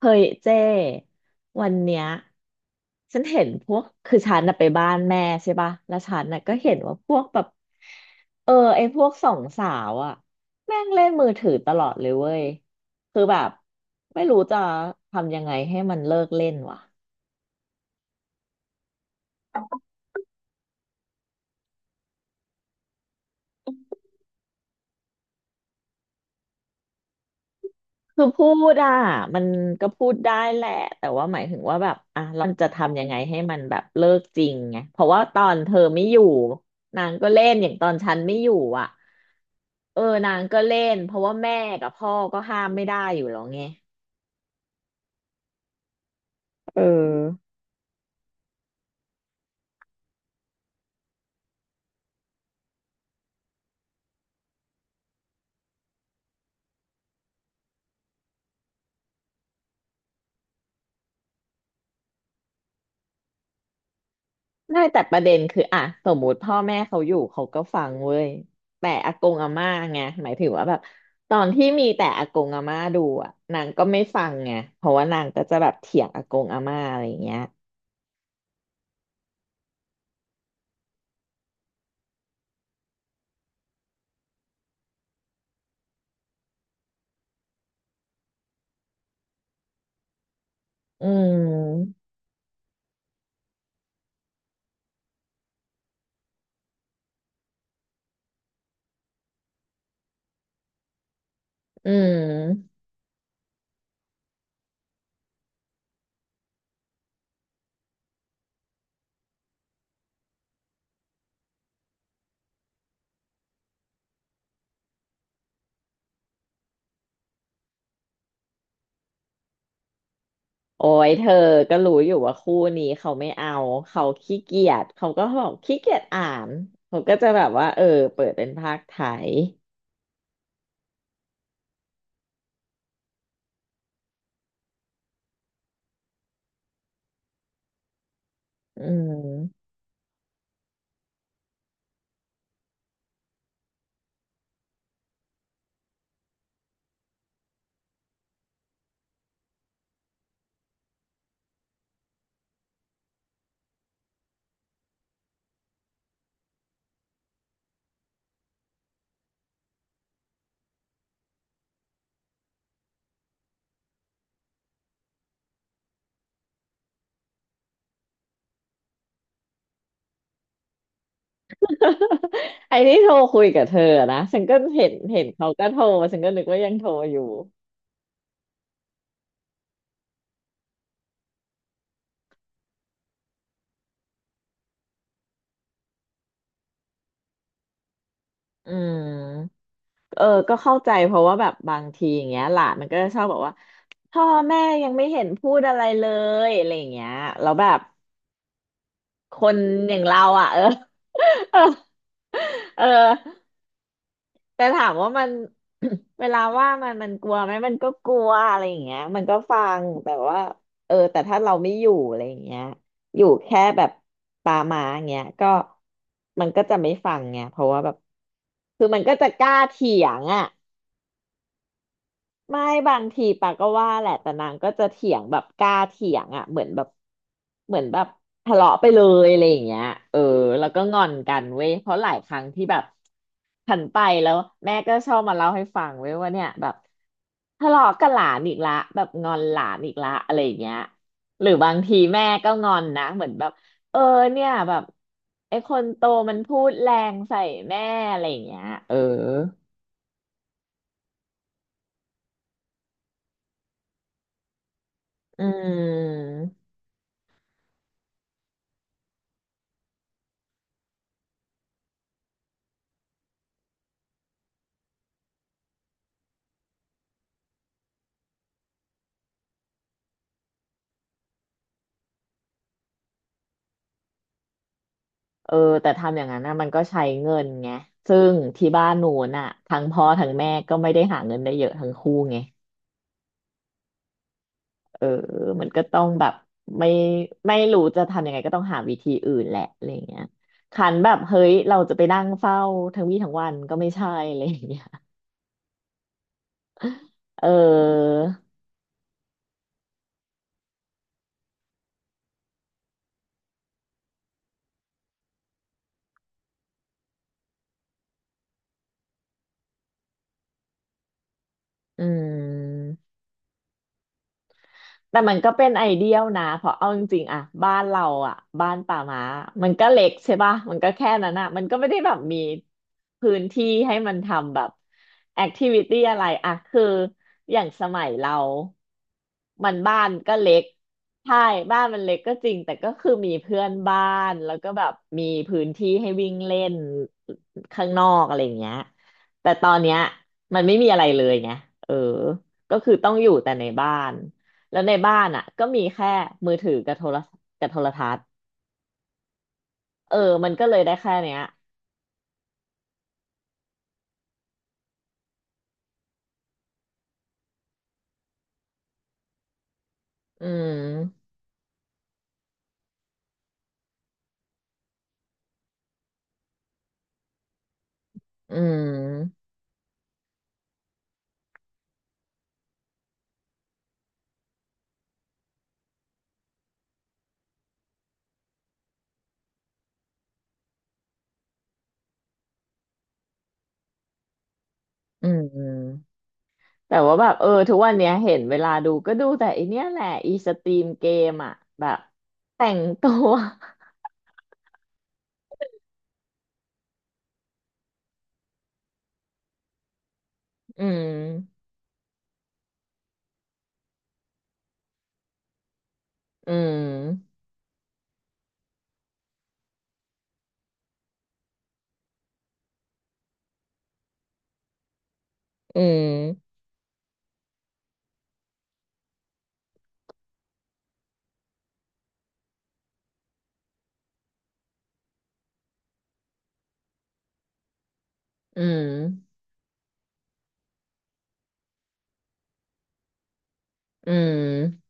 เฮ้ยเจ้วันเนี้ยฉันเห็นพวกคือฉันน่ะไปบ้านแม่ใช่ป่ะแล้วฉันน่ะก็เห็นว่าพวกไอ้พวกสองสาวอะแม่งเล่นมือถือตลอดเลยเว้ยคือแบบไม่รู้จะทำยังไงให้มันเลิกเล่นวะคือพูดอ่ะมันก็พูดได้แหละแต่ว่าหมายถึงว่าแบบอ่ะเราจะทำยังไงให้มันแบบเลิกจริงไงเพราะว่าตอนเธอไม่อยู่นางก็เล่นอย่างตอนฉันไม่อยู่อ่ะ เออนางก็เล่นเพราะว่าแม่กับพ่อก็ห้ามไม่ได้อยู่แล้วไงเออได้แต่ประเด็นคืออ่ะสมมุติพ่อแม่เขาอยู่เขาก็ฟังเว้ยแต่อากงอาม่าไงหมายถึงว่าแบบตอนที่มีแต่อากงอาม่าดูอ่ะนางก็ไม่ฟังไงเพราะว่านางก็จะแบบเถียงอากงอาม่าอะไรอย่างเงี้ยอืมอืมโอ้ยเธอก็รู้อยู่ว่าคู่นี้เขาไม่เอาเขาขี้เกียจเขาก็บอกขี้เกียจอ่านเขาก็จะแบบว่าเออเปิดเป็นภาคไทย อืม ไอ้ที่โทรคุยกับเธอนะฉันก็เห็นเขาก็โทรฉันก็นึกว่ายังโทรอยู่ อืมเออก็เข้าใจเพราะว่าแบบบางทีอย่างเงี้ยหลานมันก็จะชอบบอกว่าพ่อแม่ยังไม่เห็นพูดอะไรเลยอะไรอย่างเงี้ยแล้วแบบคนอย่างเราอ่ะเออ เออ แต่ถามว่ามัน เวลาว่ามันกลัวไหมมันก็กลัวอะไรอย่างเงี้ยมันก็ฟังแต่ว่าเออแต่ถ้าเราไม่อยู่อะไรอย่างเงี้ยอยู่แค่แบบตามาอย่างเงี้ยก็มันก็จะไม่ฟังไงเพราะว่าแบบคือมันก็จะกล้าเถียงอ่ะ ไม่บางทีปาก็ว่าแหละแต่นางก็จะเถียงแบบกล้าเถียงอ่ะเหมือนแบบทะเลาะไปเลยอะไรอย่างเงี้ยเออแล้วก็งอนกันเว้ยเพราะหลายครั้งที่แบบฉันไปแล้วแม่ก็ชอบมาเล่าให้ฟังเว้ยว่าเนี่ยแบบทะเลาะกับหลานอีกละแบบงอนหลานอีกละอะไรอย่างเงี้ยหรือบางทีแม่ก็งอนนะเหมือนแบบเออเนี่ยแบบไอ้คนโตมันพูดแรงใส่แม่อะไรอย่างเงี้ยเอออืม เออแต่ทำอย่างนั้นนะมันก็ใช้เงินไงซึ่งที่บ้านหนูน่ะทั้งพ่อทั้งแม่ก็ไม่ได้หาเงินได้เยอะทั้งคู่ไงเออมันก็ต้องแบบไม่ไม่รู้จะทำยังไงก็ต้องหาวิธีอื่นแหละอะไรอย่างเงี้ยขันแบบเฮ้ยเราจะไปนั่งเฝ้าทั้งวี่ทั้งวันก็ไม่ใช่อะไรอย่างเงี้ยเอออืม แต่มันก็เป็นไอเดียลนะเพราะเอาจริงๆอะบ้านเราอะบ้านป่าม้ามันก็เล็กใช่ป่ะมันก็แค่นั้นอะมันก็ไม่ได้แบบมีพื้นที่ให้มันทำแบบแอคทิวิตี้อะไรอะคืออย่างสมัยเรามันบ้านก็เล็กใช่บ้านมันเล็กก็จริงแต่ก็คือมีเพื่อนบ้านแล้วก็แบบมีพื้นที่ให้วิ่งเล่นข้างนอกอะไรอย่างเงี้ยแต่ตอนเนี้ยมันไม่มีอะไรเลยไงเออก็คือต้องอยู่แต่ในบ้าน แล้วในบ้านอ่ะก็มีแค่มือถือกับโทรกับโทรทัศน์เออมันก็เลยได้แค่เนี้ยอืมอืมอืมแต่ว่าแบบเออทุกวันเนี้ยเห็นเวลาดูก็ดูแต่อีเนี้ยแหละอีสตรีมเกมอ่ะแบบแต่งตัว อืมอืมอืมอืมอืม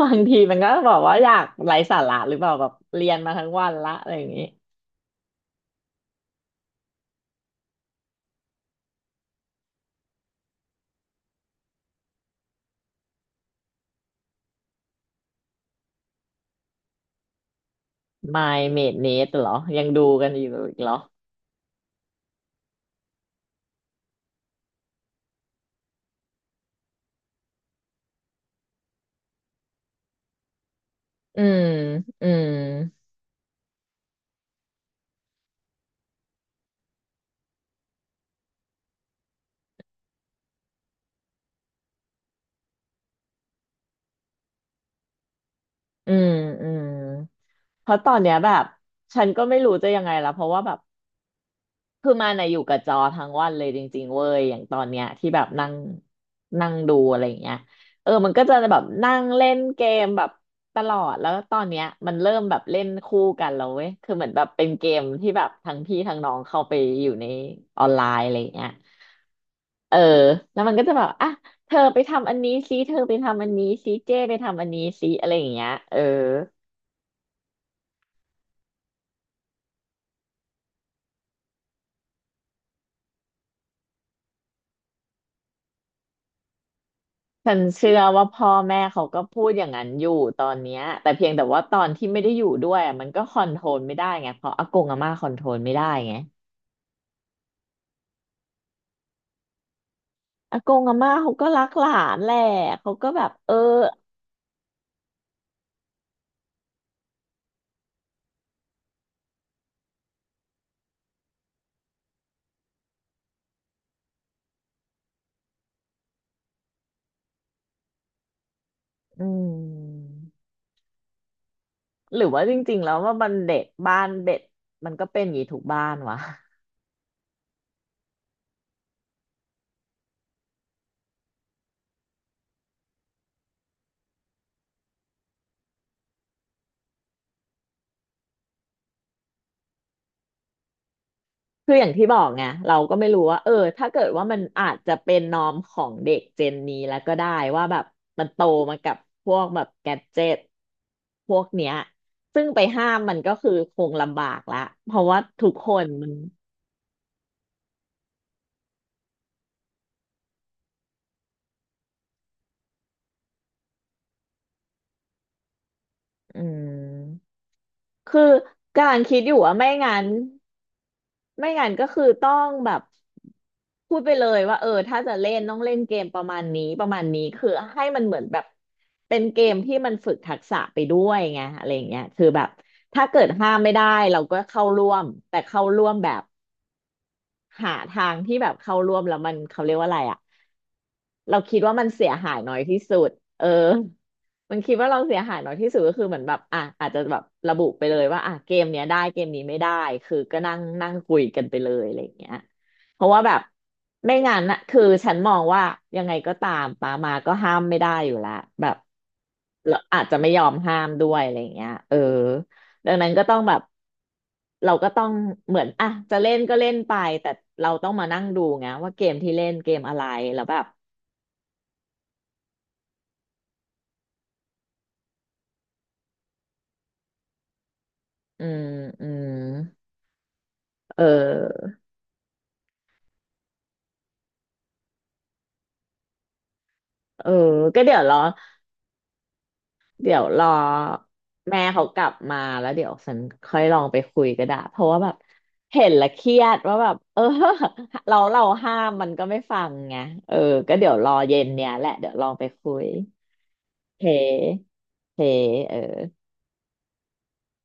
บางทีมันก็บอกว่าอยากไร้สาระหรือเปล่าแบบเรียนมาทั้งวันละอะไรอย่างงี้ My Maid Nate เหรอยังดูกันอยู่อีกเหรอ อืมอืมอืมอืมเพราะตอนเนี้ยแบบฉันก็ไม่รู้จะยังไงละเพราะว่าแบบคือมาในะอยู่กับจอทั้งวันเลยจริงๆเว้ยอย่างตอนเนี้ยที่แบบนั่งนั่งดูอะไรอย่างเงี้ยเออมันก็จะแบบนั่งเล่นเกมแบบตลอดแล้วตอนเนี้ยมันเริ่มแบบเล่นคู่กันแล้วเว้ยคือเหมือนแบบเป็นเกมที่แบบทั้งพี่ทั้งน้องเข้าไปอยู่ในออนไลน์อะไรอย่างเงี้ย เออแล้วมันก็จะแบบอ่ะเธอไปทำอันนี้ซิเธอไปทำอันนี้ซิเจ้ไปทำอันนี้ซิอะไรอย่างเงี้ยเออฉันเชื่อว่าพ่อแม่เขาก็พูดอย่างนั้นอยู่ตอนเนี้ยแต่เพียงแต่ว่าตอนที่ไม่ได้อยู่ด้วยอะมันก็คอนโทรลไม่ได้ไงเพราะอากงอาม่าคอนโทรลไม่ได้ไงอากงอาม่าเขาก็รักหลานแหละเขาก็แบบเอออืมหรือว่าจริงๆแล้วว่ามันเด็กบ้านเด็กมันก็เป็นอย่างนี้ทุกบ้านวะ คืออย่างที่บอกไงเราก็ไม่รู้ว่าถ้าเกิดว่ามันอาจจะเป็นนอมของเด็กเจนนี้แล้วก็ได้ว่าแบบมันโตมากับพวกแบบแกดเจ็ตพวกเนี้ยซึ่งไปห้ามมันก็คือคงลำบากละเพราะว่าทุกคนมันอืมคือการคิดอยู่ว่าไม่งั้นก็คือต้องแบบพูดไปเลยว่าถ้าจะเล่นต้องเล่นเกมประมาณนี้ประมาณนี้คือให้มันเหมือนแบบเป็นเกมที่มันฝึกทักษะไปด้วยไงอะไรอย่างเงี้ยคือแบบถ้าเกิดห้ามไม่ได้เราก็เข้าร่วมแต่เข้าร่วมแบบหาทางที่แบบเข้าร่วมแล้วมันเขาเรียกว่าอะไรอะ เราคิดว่ามันเสียหายน้อยที่สุดเออมันคิดว่าเราเสียหายน้อยที่สุดก็คือเหมือนแบบอ่ะอาจจะแบบระบุไปเลยว่าอ่ะเกมเนี้ยได้เกมนี้ไม่ได้คือก็นั่งนั่งคุยกันไปเลยอะไรอย่างเงี้ยเพราะว่าแบบไม่งั้นน่ะคือฉันมองว่ายังไงก็ตามป้ามาก็ห้ามไม่ได้อยู่แล้วแบบเราอาจจะไม่ยอมห้ามด้วยอะไรอย่างเงี้ยเออดังนั้นก็ต้องแบบเราก็ต้องเหมือนอ่ะจะเล่นก็เล่นไปแต่เราต้องมานั่งดูไงว่าเกมที่เล่นเกมอะไรแล้วแบบ อืมอืมเออเออก็เดี๋ยวรอเดี๋ยวรอแม่เขากลับมาแล้วเดี๋ยวฉันค่อยลองไปคุยก็ได้เพราะว่าแบบเห็นและเครียดว่าแบบเออ เราห้ามมันก็ไม่ฟังไงเออก็เดี๋ยวรอเย็นเนี้ยแหละเดี๋ยวลองไปคุยโอเคโอเคเออ